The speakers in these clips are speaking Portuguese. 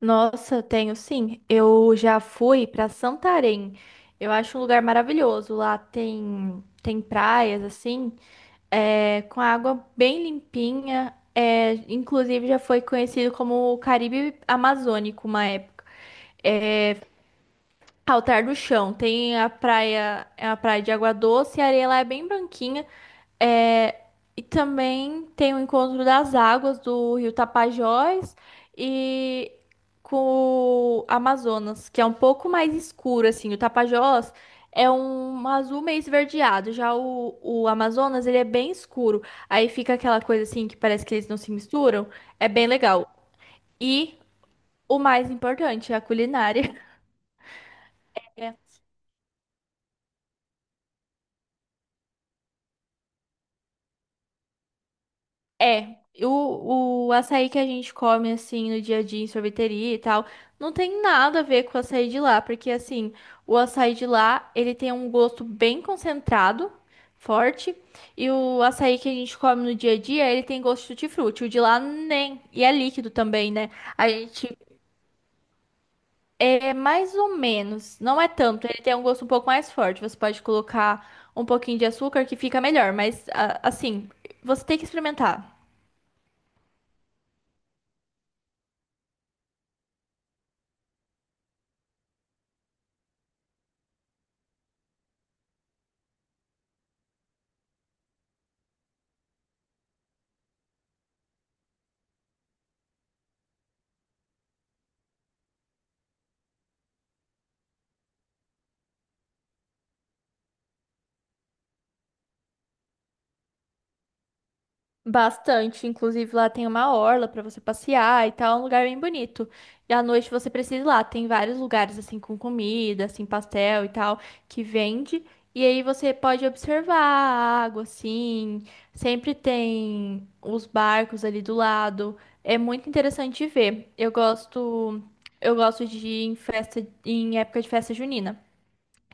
Nossa, tenho sim. Eu já fui para Santarém. Eu acho um lugar maravilhoso. Lá tem praias assim, é, com água bem limpinha. É, inclusive já foi conhecido como o Caribe Amazônico uma época. É, Altar do Chão. Tem a praia, é a praia de água doce, a areia lá é bem branquinha. É, e também tem o encontro das águas do Rio Tapajós e com o Amazonas, que é um pouco mais escuro, assim. O Tapajós é um azul meio esverdeado, já o Amazonas, ele é bem escuro. Aí fica aquela coisa, assim, que parece que eles não se misturam. É bem legal. E o mais importante, a culinária. É, o açaí que a gente come assim no dia a dia em sorveteria e tal, não tem nada a ver com o açaí de lá, porque assim, o açaí de lá, ele tem um gosto bem concentrado, forte, e o açaí que a gente come no dia a dia, ele tem gosto de tutti-frutti, o de lá nem, e é líquido também, né? A gente é mais ou menos, não é tanto, ele tem um gosto um pouco mais forte, você pode colocar um pouquinho de açúcar que fica melhor, mas assim, você tem que experimentar. Bastante, inclusive lá tem uma orla pra você passear e tal, é um lugar bem bonito. E à noite você precisa ir lá, tem vários lugares assim com comida, assim pastel e tal, que vende. E aí você pode observar a água assim, sempre tem os barcos ali do lado. É muito interessante de ver. Eu gosto de ir em festa, em época de festa junina,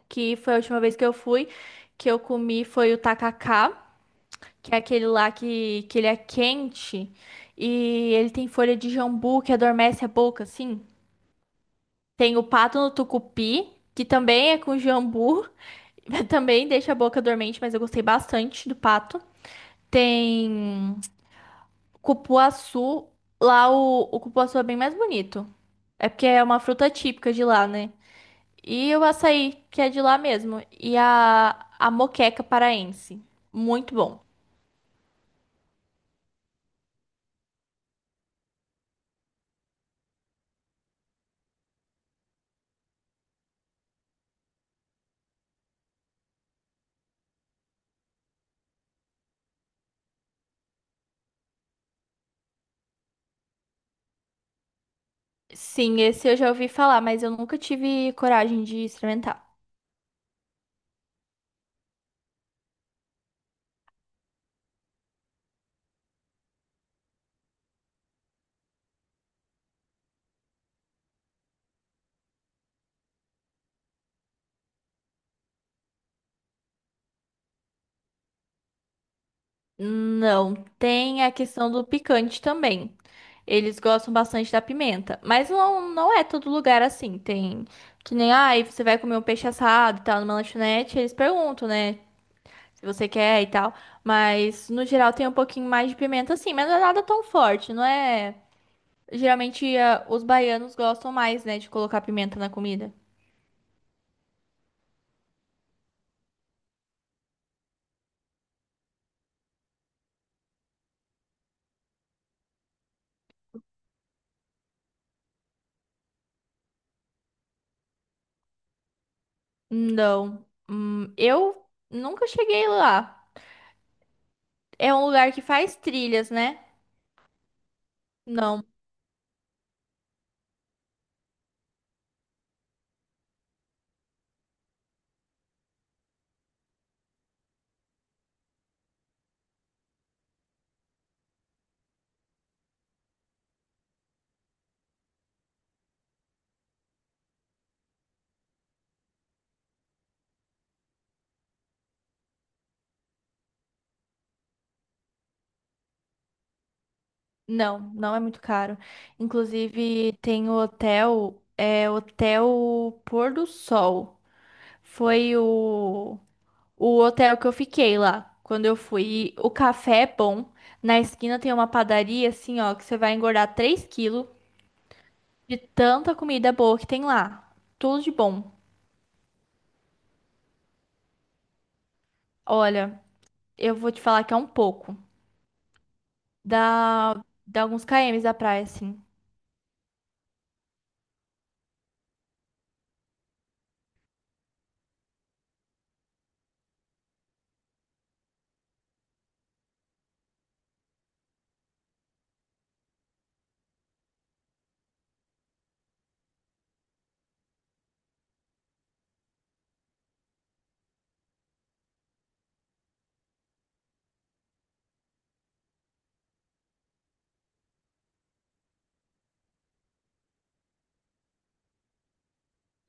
que foi a última vez que eu fui, que eu comi foi o tacacá que é aquele lá que ele é quente e ele tem folha de jambu que adormece a boca, assim. Tem o pato no tucupi, que também é com jambu, também deixa a boca dormente, mas eu gostei bastante do pato. Tem cupuaçu, lá o cupuaçu é bem mais bonito. É porque é uma fruta típica de lá, né? E o açaí, que é de lá mesmo. E a moqueca paraense. Muito bom. Sim, esse eu já ouvi falar, mas eu nunca tive coragem de experimentar. Não, tem a questão do picante também. Eles gostam bastante da pimenta, mas não, não é todo lugar assim. Tem que nem, ai, você vai comer um peixe assado e tal numa lanchonete, eles perguntam, né, se você quer e tal. Mas no geral tem um pouquinho mais de pimenta assim, mas não é nada tão forte, não é? Geralmente os baianos gostam mais, né, de colocar pimenta na comida. Não. Eu nunca cheguei lá. É um lugar que faz trilhas, né? Não, não, não é muito caro. Inclusive, tem o hotel, é Hotel Pôr do Sol. Foi o hotel que eu fiquei lá quando eu fui. E o café é bom. Na esquina tem uma padaria, assim, ó, que você vai engordar 3 quilos de tanta comida boa que tem lá. Tudo de bom. Olha, eu vou te falar que é um pouco. Dá, dá alguns kms da praia, assim.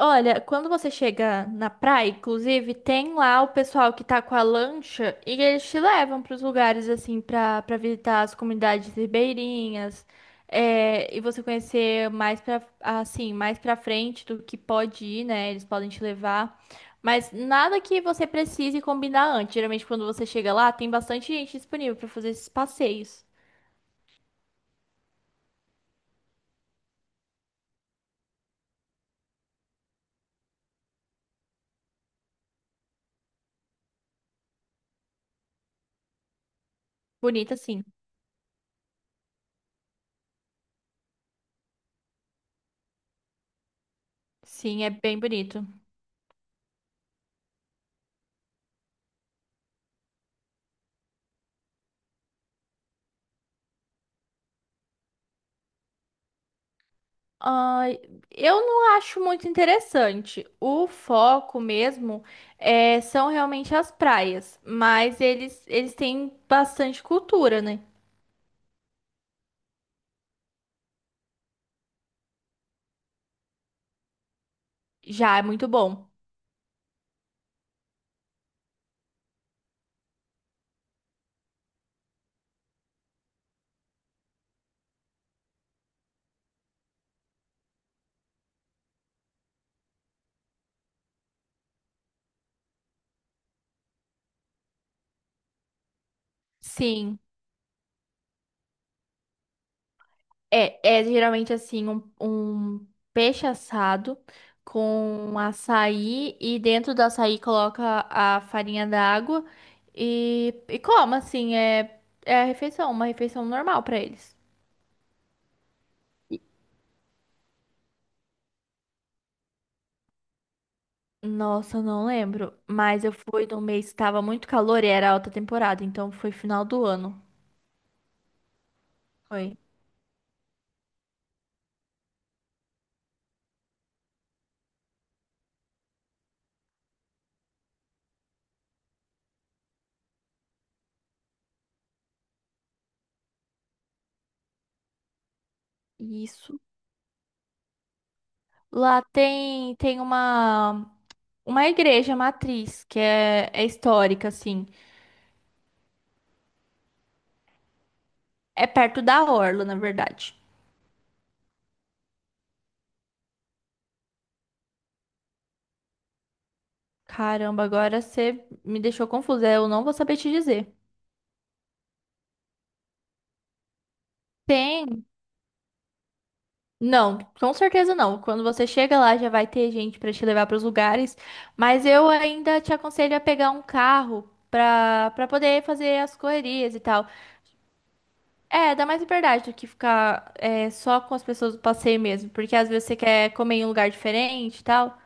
Olha, quando você chega na praia, inclusive, tem lá o pessoal que tá com a lancha e eles te levam pros lugares, assim, pra visitar as comunidades ribeirinhas. É, e você conhecer mais pra, assim, mais pra frente do que pode ir, né? Eles podem te levar. Mas nada que você precise combinar antes. Geralmente, quando você chega lá, tem bastante gente disponível pra fazer esses passeios. Bonito, assim. Sim, é bem bonito. Ah, eu não acho muito interessante. O foco mesmo é, são realmente as praias, mas eles têm bastante cultura, né? Já é muito bom. Sim, é, é geralmente assim um peixe assado com açaí e dentro do açaí coloca a farinha d'água e como assim é a refeição, uma refeição normal para eles. Nossa, eu não lembro. Mas eu fui num mês que tava muito calor e era alta temporada, então foi final do ano. Foi. Isso. Lá tem uma igreja matriz que é histórica, assim. É perto da orla, na verdade. Caramba, agora você me deixou confusa. Eu não vou saber te dizer. Tem. Não, com certeza não. Quando você chega lá, já vai ter gente para te levar para os lugares, mas eu ainda te aconselho a pegar um carro para poder fazer as correrias e tal. É, dá mais liberdade do que ficar é, só com as pessoas do passeio mesmo, porque às vezes você quer comer em um lugar diferente e tal.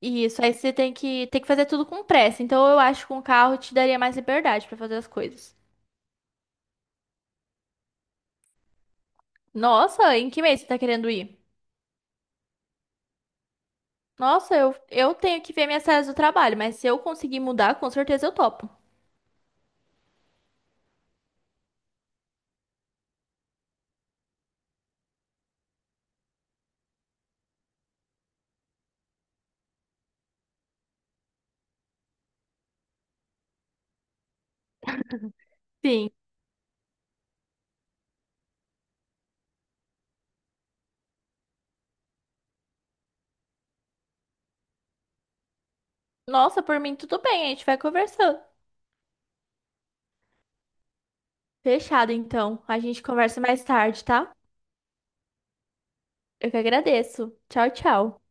E isso aí você tem que fazer tudo com pressa. Então eu acho que com o carro te daria mais liberdade para fazer as coisas. Nossa, em que mês você tá querendo ir? Nossa, eu tenho que ver minhas séries do trabalho, mas se eu conseguir mudar, com certeza eu topo. Sim. Nossa, por mim tudo bem, a gente vai conversando. Fechado, então. A gente conversa mais tarde, tá? Eu que agradeço. Tchau, tchau.